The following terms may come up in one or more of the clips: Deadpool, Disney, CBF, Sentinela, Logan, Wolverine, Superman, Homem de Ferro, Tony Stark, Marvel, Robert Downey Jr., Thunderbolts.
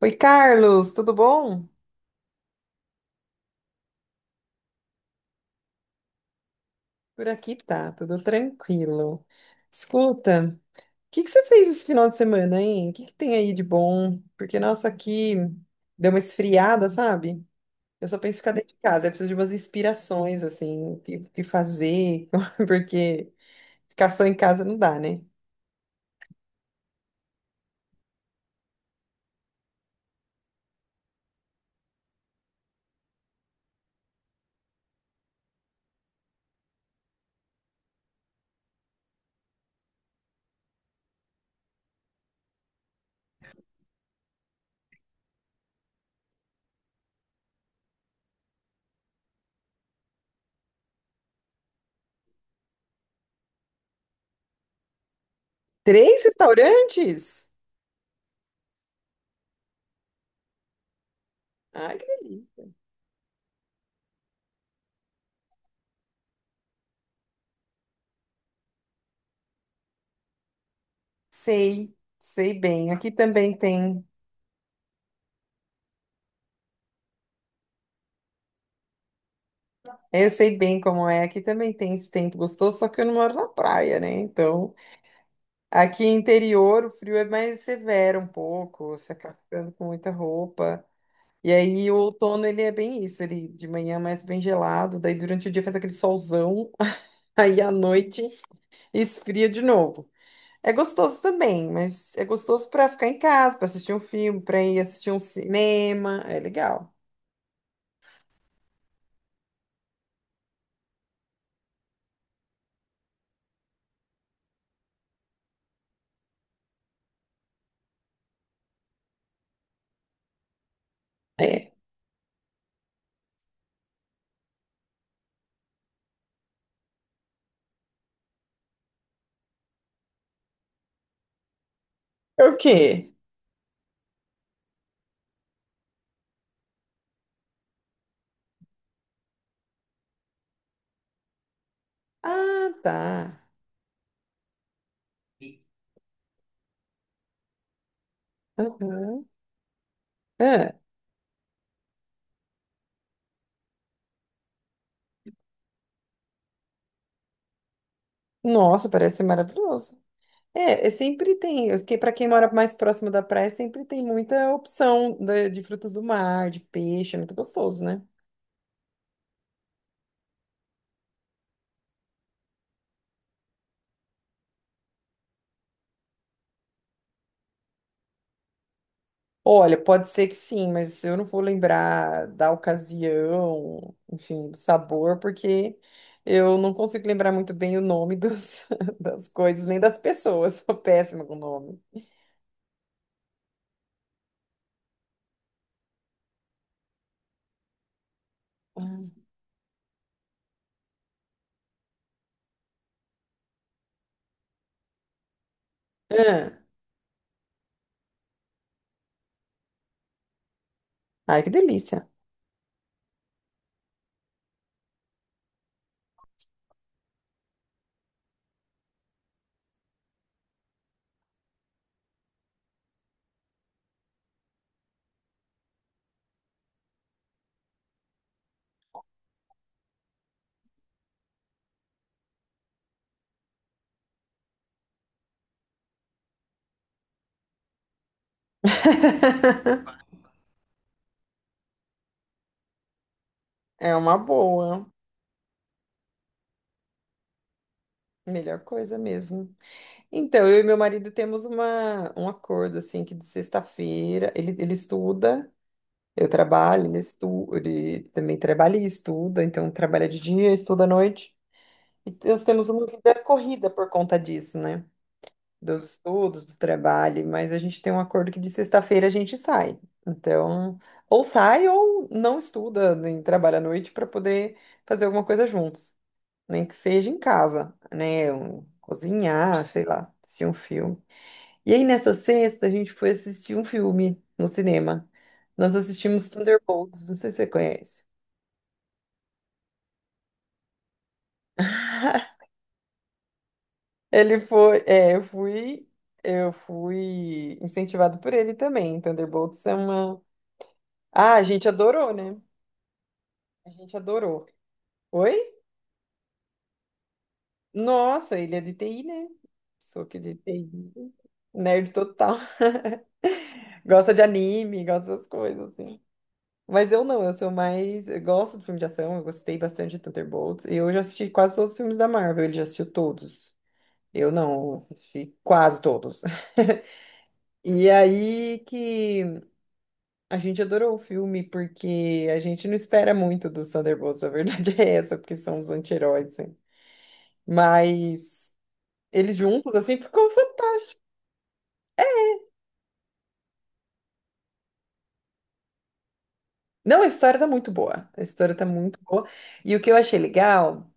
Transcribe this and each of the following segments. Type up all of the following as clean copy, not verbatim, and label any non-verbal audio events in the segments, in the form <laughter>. Oi, Carlos, tudo bom? Por aqui tá, tudo tranquilo. Escuta, o que que você fez esse final de semana, hein? O que que tem aí de bom? Porque, nossa, aqui deu uma esfriada, sabe? Eu só penso em ficar dentro de casa, eu preciso de umas inspirações, assim, o que fazer, <laughs> porque ficar só em casa não dá, né? Três restaurantes? Ai, que delícia. Sei, sei bem. Aqui também tem. Eu sei bem como é. Aqui também tem esse tempo gostoso, só que eu não moro na praia, né? Então. Aqui interior, o frio é mais severo um pouco, você acaba ficando com muita roupa. E aí o outono ele é bem isso, ele de manhã é mais bem gelado, daí durante o dia faz aquele solzão, <laughs> aí à noite esfria de novo. É gostoso também, mas é gostoso para ficar em casa, para assistir um filme, para ir assistir um cinema, é legal. É. É o quê? Ah, tá. Aham. É. Nossa, parece ser maravilhoso. É, é sempre tem, para quem mora mais próximo da praia, sempre tem muita opção de frutos do mar, de peixe, é muito gostoso, né? Olha, pode ser que sim, mas eu não vou lembrar da ocasião, enfim, do sabor, porque eu não consigo lembrar muito bem o nome dos, <laughs> das coisas, nem das pessoas, sou péssima com o nome. Ah, ai, que delícia! <laughs> É uma boa, melhor coisa mesmo. Então, eu e meu marido temos um acordo, assim, que de sexta-feira ele, ele estuda, eu trabalho, ele, ele também trabalha e estuda, então trabalha de dia, estuda à noite. E nós temos uma vida corrida por conta disso, né? Dos estudos, do trabalho, mas a gente tem um acordo que de sexta-feira a gente sai. Então, ou sai ou não estuda, nem trabalha à noite para poder fazer alguma coisa juntos, nem que seja em casa, né? Cozinhar, sei lá, assistir um filme. E aí, nessa sexta, a gente foi assistir um filme no cinema. Nós assistimos Thunderbolts, não sei se você conhece. <laughs> Ele foi, é, eu fui incentivado por ele também. Thunderbolts é uma. Ah, a gente adorou, né? A gente adorou. Oi? Nossa, ele é de TI, né? Sou que de TI. Nerd total. <laughs> Gosta de anime, gosta das coisas, assim. Mas eu não, eu sou mais. Eu gosto do filme de ação, eu gostei bastante de Thunderbolts. E eu já assisti quase todos os filmes da Marvel, ele já assistiu todos. Eu não, assisti quase todos. <laughs> E aí que a gente adorou o filme, porque a gente não espera muito dos Thunderbolts, a verdade <laughs> é essa, porque são os anti-heróis, né? Mas eles juntos, assim, ficou fantástico. Não, a história tá muito boa. A história tá muito boa. E o que eu achei legal,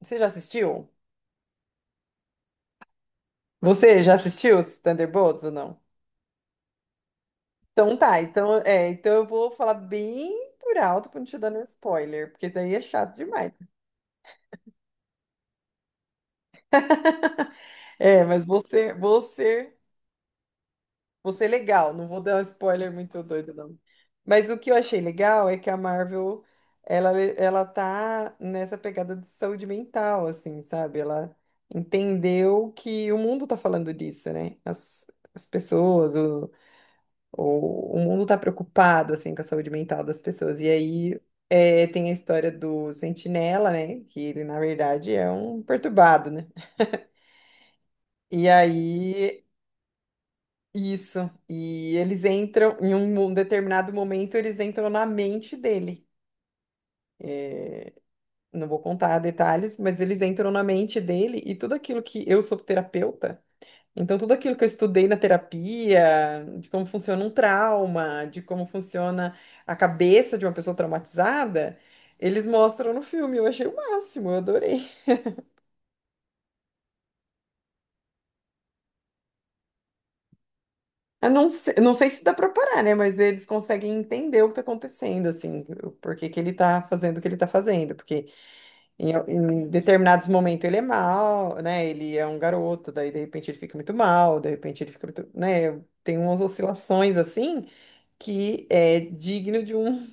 você já assistiu? Você já assistiu os Thunderbolts ou não? Então tá, então, é, então eu vou falar bem por alto pra não te dar nenhum spoiler, porque isso daí é chato demais. É, mas vou ser, vou ser, vou ser legal, não vou dar um spoiler muito doido, não. Mas o que eu achei legal é que a Marvel, ela tá nessa pegada de saúde mental, assim, sabe? Ela entendeu que o mundo tá falando disso, né? As pessoas, o mundo está preocupado assim com a saúde mental das pessoas. E aí é, tem a história do Sentinela, né? Que ele na verdade é um perturbado, né? E aí isso. E eles entram em um, um determinado momento, eles entram na mente dele. Não vou contar detalhes, mas eles entram na mente dele e tudo aquilo que eu sou terapeuta. Então, tudo aquilo que eu estudei na terapia, de como funciona um trauma, de como funciona a cabeça de uma pessoa traumatizada, eles mostram no filme. Eu achei o máximo, eu adorei. Eu não sei, não sei se dá pra parar, né? Mas eles conseguem entender o que tá acontecendo, assim, o porquê que ele tá fazendo o que ele tá fazendo. Porque em determinados momentos ele é mal, né? Ele é um garoto, daí de repente ele fica muito mal, de repente ele fica muito, né? Tem umas oscilações assim que é digno de um.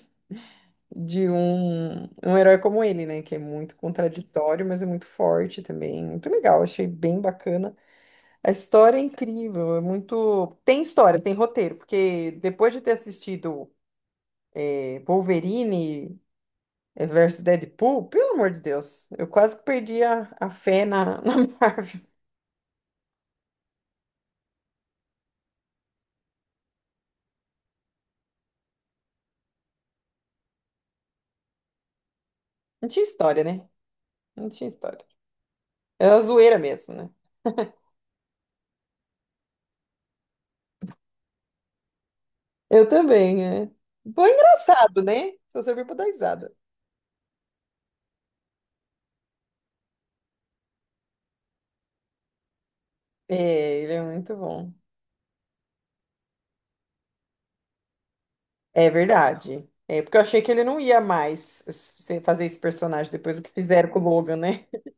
De um, um herói como ele, né? Que é muito contraditório, mas é muito forte também. Muito legal, achei bem bacana. A história é incrível, é muito. Tem história, tem roteiro, porque depois de ter assistido Wolverine versus Deadpool, pelo amor de Deus, eu quase que perdi a fé na, <laughs> na Marvel. Não tinha história, né? Não tinha história. Era uma zoeira mesmo, né? Eu também, é. Bom, engraçado, né? Só serviu pra dar risada. É, ele é muito bom. É verdade. É porque eu achei que ele não ia mais fazer esse personagem depois do que fizeram com o Logan, né? <laughs>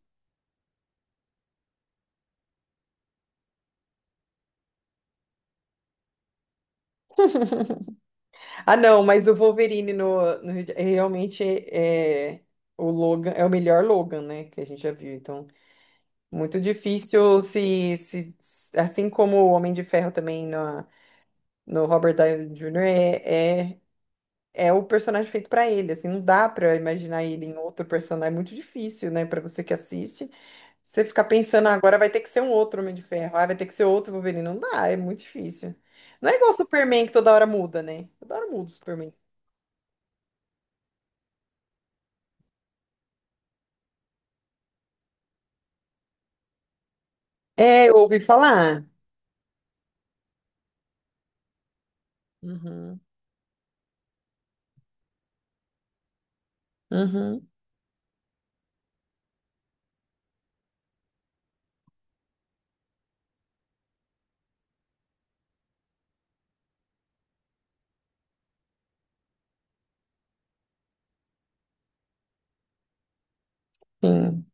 Ah, não, mas o Wolverine no, no realmente é o Logan é o melhor Logan, né? Que a gente já viu. Então, muito difícil se, se assim como o Homem de Ferro também no Robert Downey Jr. é, é é o personagem feito para ele. Assim, não dá para imaginar ele em outro personagem. É muito difícil, né? Para você que assiste. Você fica pensando, "Ah, agora vai ter que ser um outro Homem de Ferro, ah, vai ter que ser outro Wolverine. Não dá, é muito difícil. Não é igual o Superman que toda hora muda, né? Toda hora muda o Superman. É, eu ouvi falar. Uhum, uhum, sim.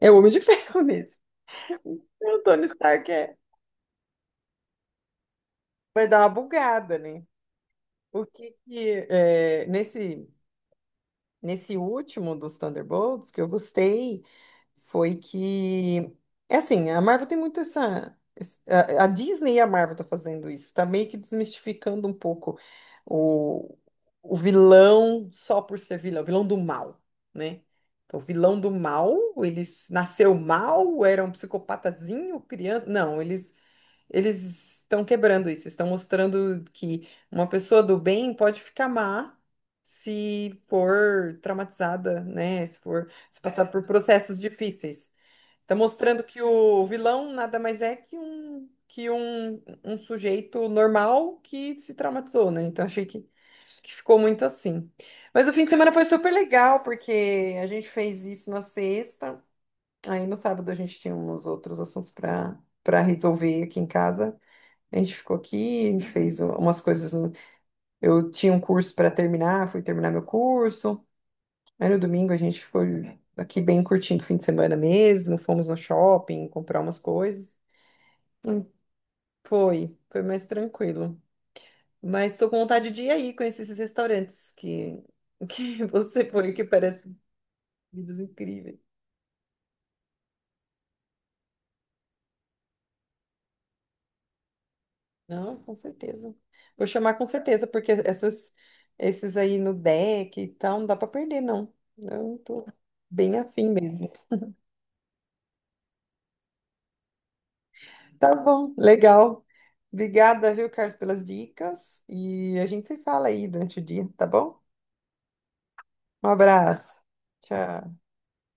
É o Homem de Ferro mesmo. <laughs> O Tony Stark é. Vai dar uma bugada, né? O que que, é, nesse, nesse último dos Thunderbolts que eu gostei foi que. É assim, a Marvel tem muito essa. A a Disney e a Marvel tá fazendo isso. Tá meio que desmistificando um pouco o, o vilão só por ser vilão, o vilão do mal, né? Então, o vilão do mal, nasceu mal, era um psicopatazinho, criança. Não, eles estão quebrando isso, estão mostrando que uma pessoa do bem pode ficar má se for traumatizada, né? Se for, se passar por processos difíceis. Está mostrando que o vilão nada mais é que um um sujeito normal que se traumatizou, né? Então achei que ficou muito assim. Mas o fim de semana foi super legal, porque a gente fez isso na sexta, aí no sábado a gente tinha uns outros assuntos para resolver aqui em casa. A gente ficou aqui, a gente fez umas coisas. Eu tinha um curso para terminar, fui terminar meu curso. Aí no domingo a gente foi aqui bem curtindo o fim de semana mesmo. Fomos no shopping comprar umas coisas. Hum, Foi, foi mais tranquilo. Mas estou com vontade de ir aí conhecer esses restaurantes que <laughs> você foi, que parecem comidas incríveis. Não, com certeza. Vou chamar com certeza, porque essas, esses aí no deck e tal, não dá para perder, não. Eu tô bem afim mesmo. Tá bom, legal. Obrigada, viu, Carlos, pelas dicas. E a gente se fala aí durante o dia, tá bom? Um abraço. Tchau.